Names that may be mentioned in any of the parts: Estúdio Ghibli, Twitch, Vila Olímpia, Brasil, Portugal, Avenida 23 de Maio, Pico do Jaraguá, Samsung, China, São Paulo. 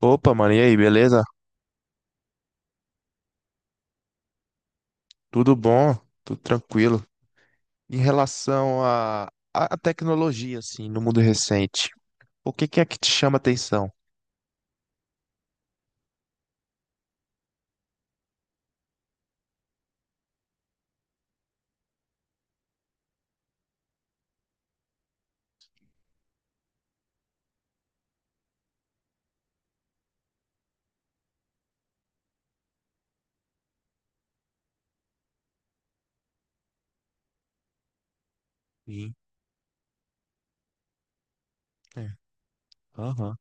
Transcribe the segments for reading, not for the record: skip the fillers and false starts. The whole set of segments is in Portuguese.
Opa, mano, e aí, beleza? Tudo bom? Tudo tranquilo. Em relação à tecnologia, assim, no mundo recente, o que que é que te chama atenção? Sim, é. Aham.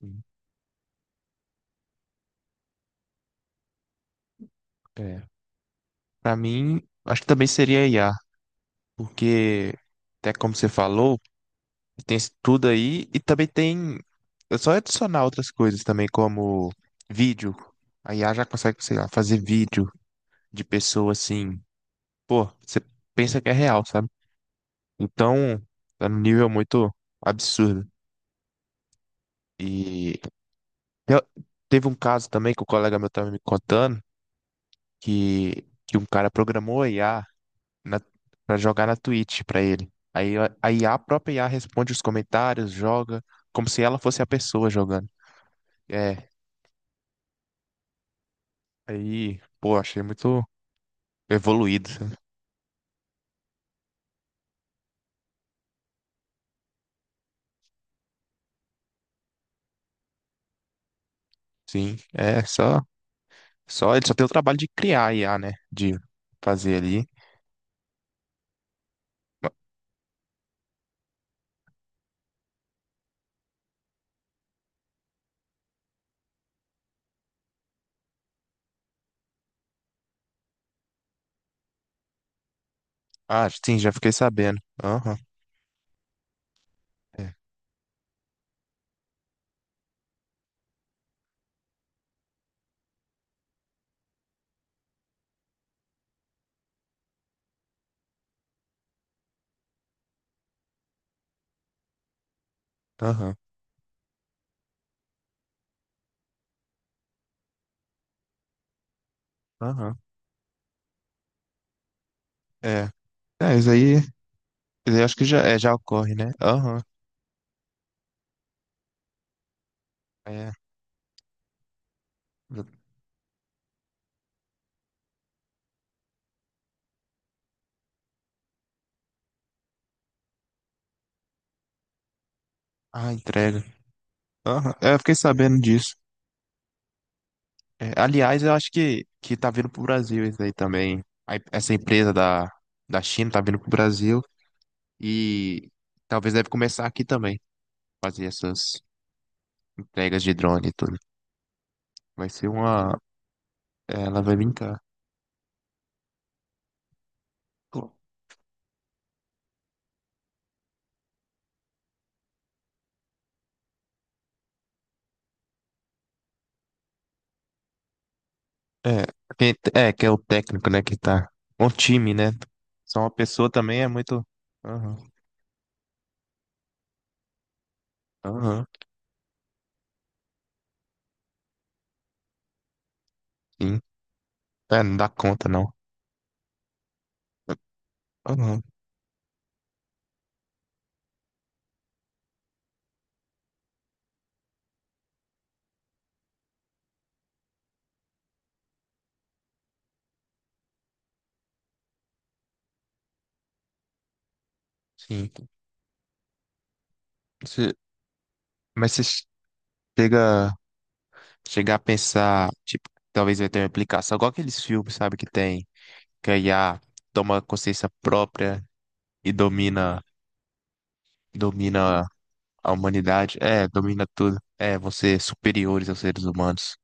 Sim, é. Para mim, acho que também seria I a IA, porque, até como você falou, tem isso tudo aí e também tem. É só adicionar outras coisas também, como vídeo. A IA já consegue, sei lá, fazer vídeo de pessoa assim. Pô, você pensa que é real, sabe? Então, é um nível muito absurdo. E eu- teve um caso também que o colega meu tava me contando que um cara programou a IA na, pra jogar na Twitch pra ele. Aí a própria IA responde os comentários, joga, como se ela fosse a pessoa jogando. É, aí, pô, achei muito evoluído, sabe? Sim, é só, só, ele só tem o trabalho de criar a IA, né? De fazer ali. Ah, sim, já fiquei sabendo. Aham, é, aham, aham, é. É, isso aí acho que já, é, já ocorre, né? Aham, é. Ah, entrega. Aham, é, eu fiquei sabendo disso. É, aliás, eu acho que tá vindo pro Brasil isso aí também. A essa empresa da, da China tá vindo pro Brasil e talvez deve começar aqui também, fazer essas entregas de drone e tudo. Vai ser uma... É, ela vai brincar. É, é, que é o técnico, né, que tá... Um time, né? Só uma pessoa também é muito... Aham, aham, sim. É, não dá conta, não. Aham, sim. Você- mas você chega, chega a pensar, tipo, talvez vai ter uma aplicação, igual aqueles filmes, sabe, que tem, que a IA toma consciência própria e domina, domina a humanidade. É, domina tudo. É, você é superiores aos seres humanos.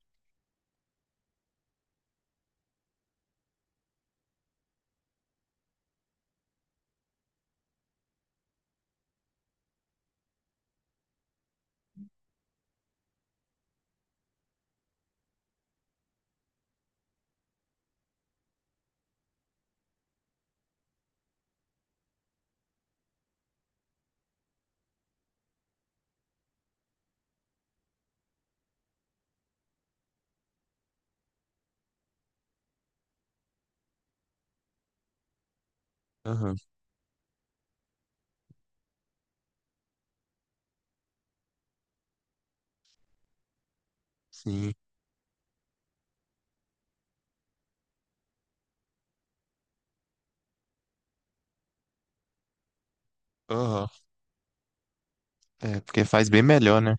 Aham, sim. Aham. É, porque faz bem melhor, né?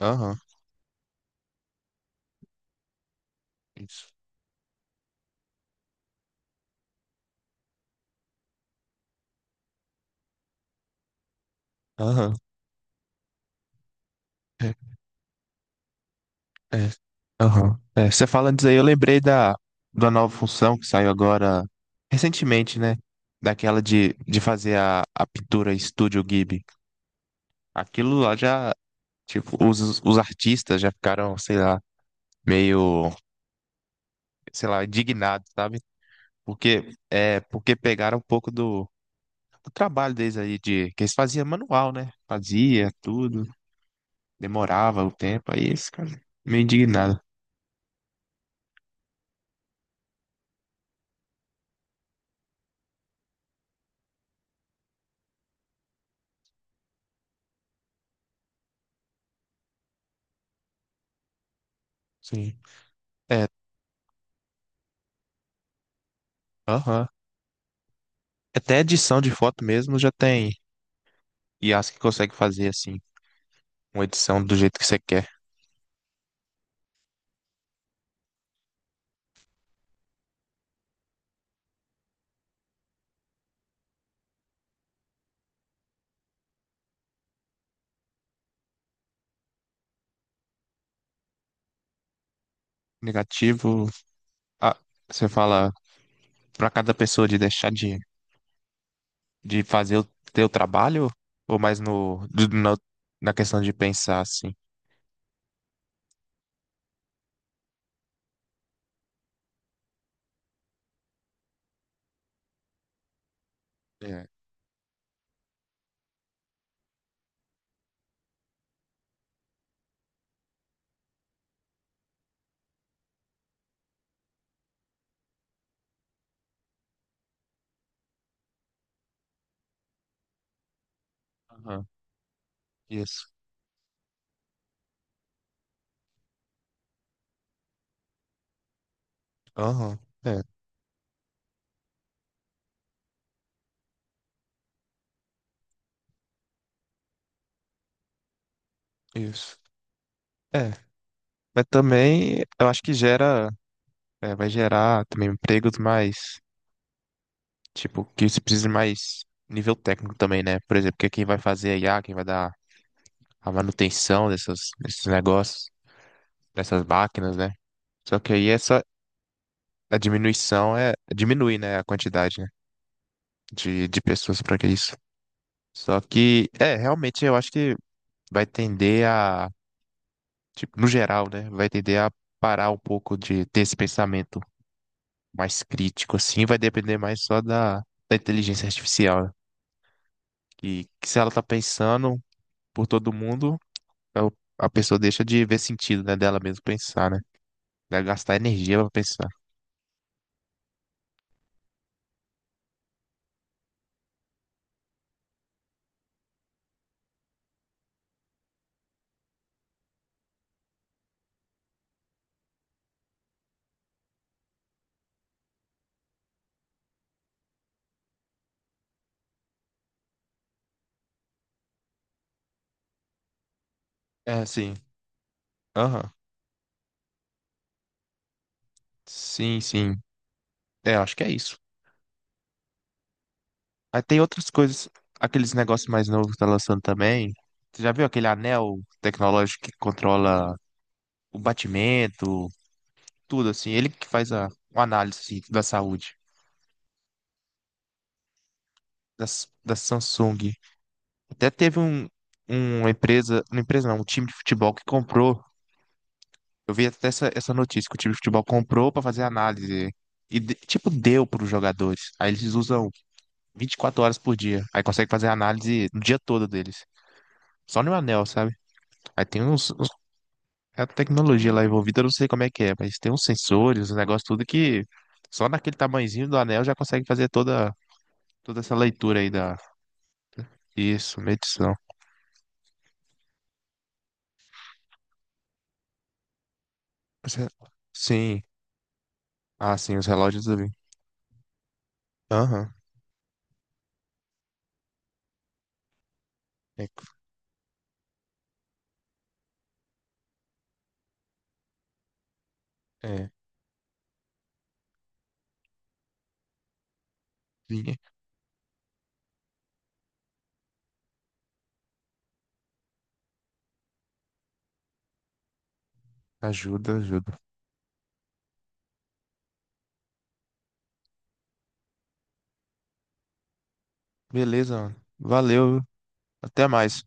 Aham, isso. Aham. É. Aham. É, você falando disso aí, eu lembrei da, da nova função que saiu agora recentemente, né? Daquela de fazer a pintura Estúdio Ghibli. Aquilo lá já, tipo, os artistas já ficaram, sei lá, meio, sei lá, indignados, sabe? Porque, é, porque pegaram um pouco do, do trabalho deles aí, de, que eles faziam manual, né? Fazia tudo, demorava o tempo, aí eles ficaram meio indignados. Sim. É, aham. Até edição de foto mesmo já tem I as que consegue fazer assim, uma edição do jeito que você quer. Negativo, ah, você fala para cada pessoa de deixar de fazer o teu trabalho ou mais no, na, na questão de pensar assim. É, aham, isso. Aham, é, isso. É, mas também eu acho que gera, é, vai gerar também empregos mais, tipo, que se precisa de mais nível técnico também, né? Por exemplo, que quem vai fazer IA, quem vai dar a manutenção dessas, desses negócios, dessas máquinas, né? Só que aí essa a diminuição é diminui, né, a quantidade, né, de pessoas para que isso. Só que é, realmente eu acho que vai tender a, tipo, no geral, né, vai tender a parar um pouco de ter esse pensamento mais crítico assim, vai depender mais só da, da inteligência artificial, né? Que se ela tá pensando por todo mundo, a a pessoa deixa de ver sentido, né, dela mesmo pensar, né? Vai gastar energia para pensar. É, sim. Aham. Sim, sim. É, acho que é isso. Aí tem outras coisas, aqueles negócios mais novos que tá lançando também. Você já viu aquele anel tecnológico que controla o batimento, tudo assim? Ele que faz a, uma análise assim, da saúde da, da Samsung. Até teve um, uma empresa não, um time de futebol que comprou. Eu vi até essa, essa notícia que o time de futebol comprou pra fazer análise. E, tipo, deu pros jogadores. Aí eles usam 24 horas por dia. Aí consegue fazer análise no dia todo deles. Só no anel, sabe? Aí tem é a tecnologia lá envolvida, eu não sei como é que é, mas tem uns sensores, uns negócios tudo que só naquele tamanhozinho do anel já consegue fazer toda, toda essa leitura aí da. Isso, medição. Os re- Sim. Ah, sim, os relógios eu vi. Aham. É, é. Sim. Ajuda, ajuda. Beleza, mano. Valeu. Até mais.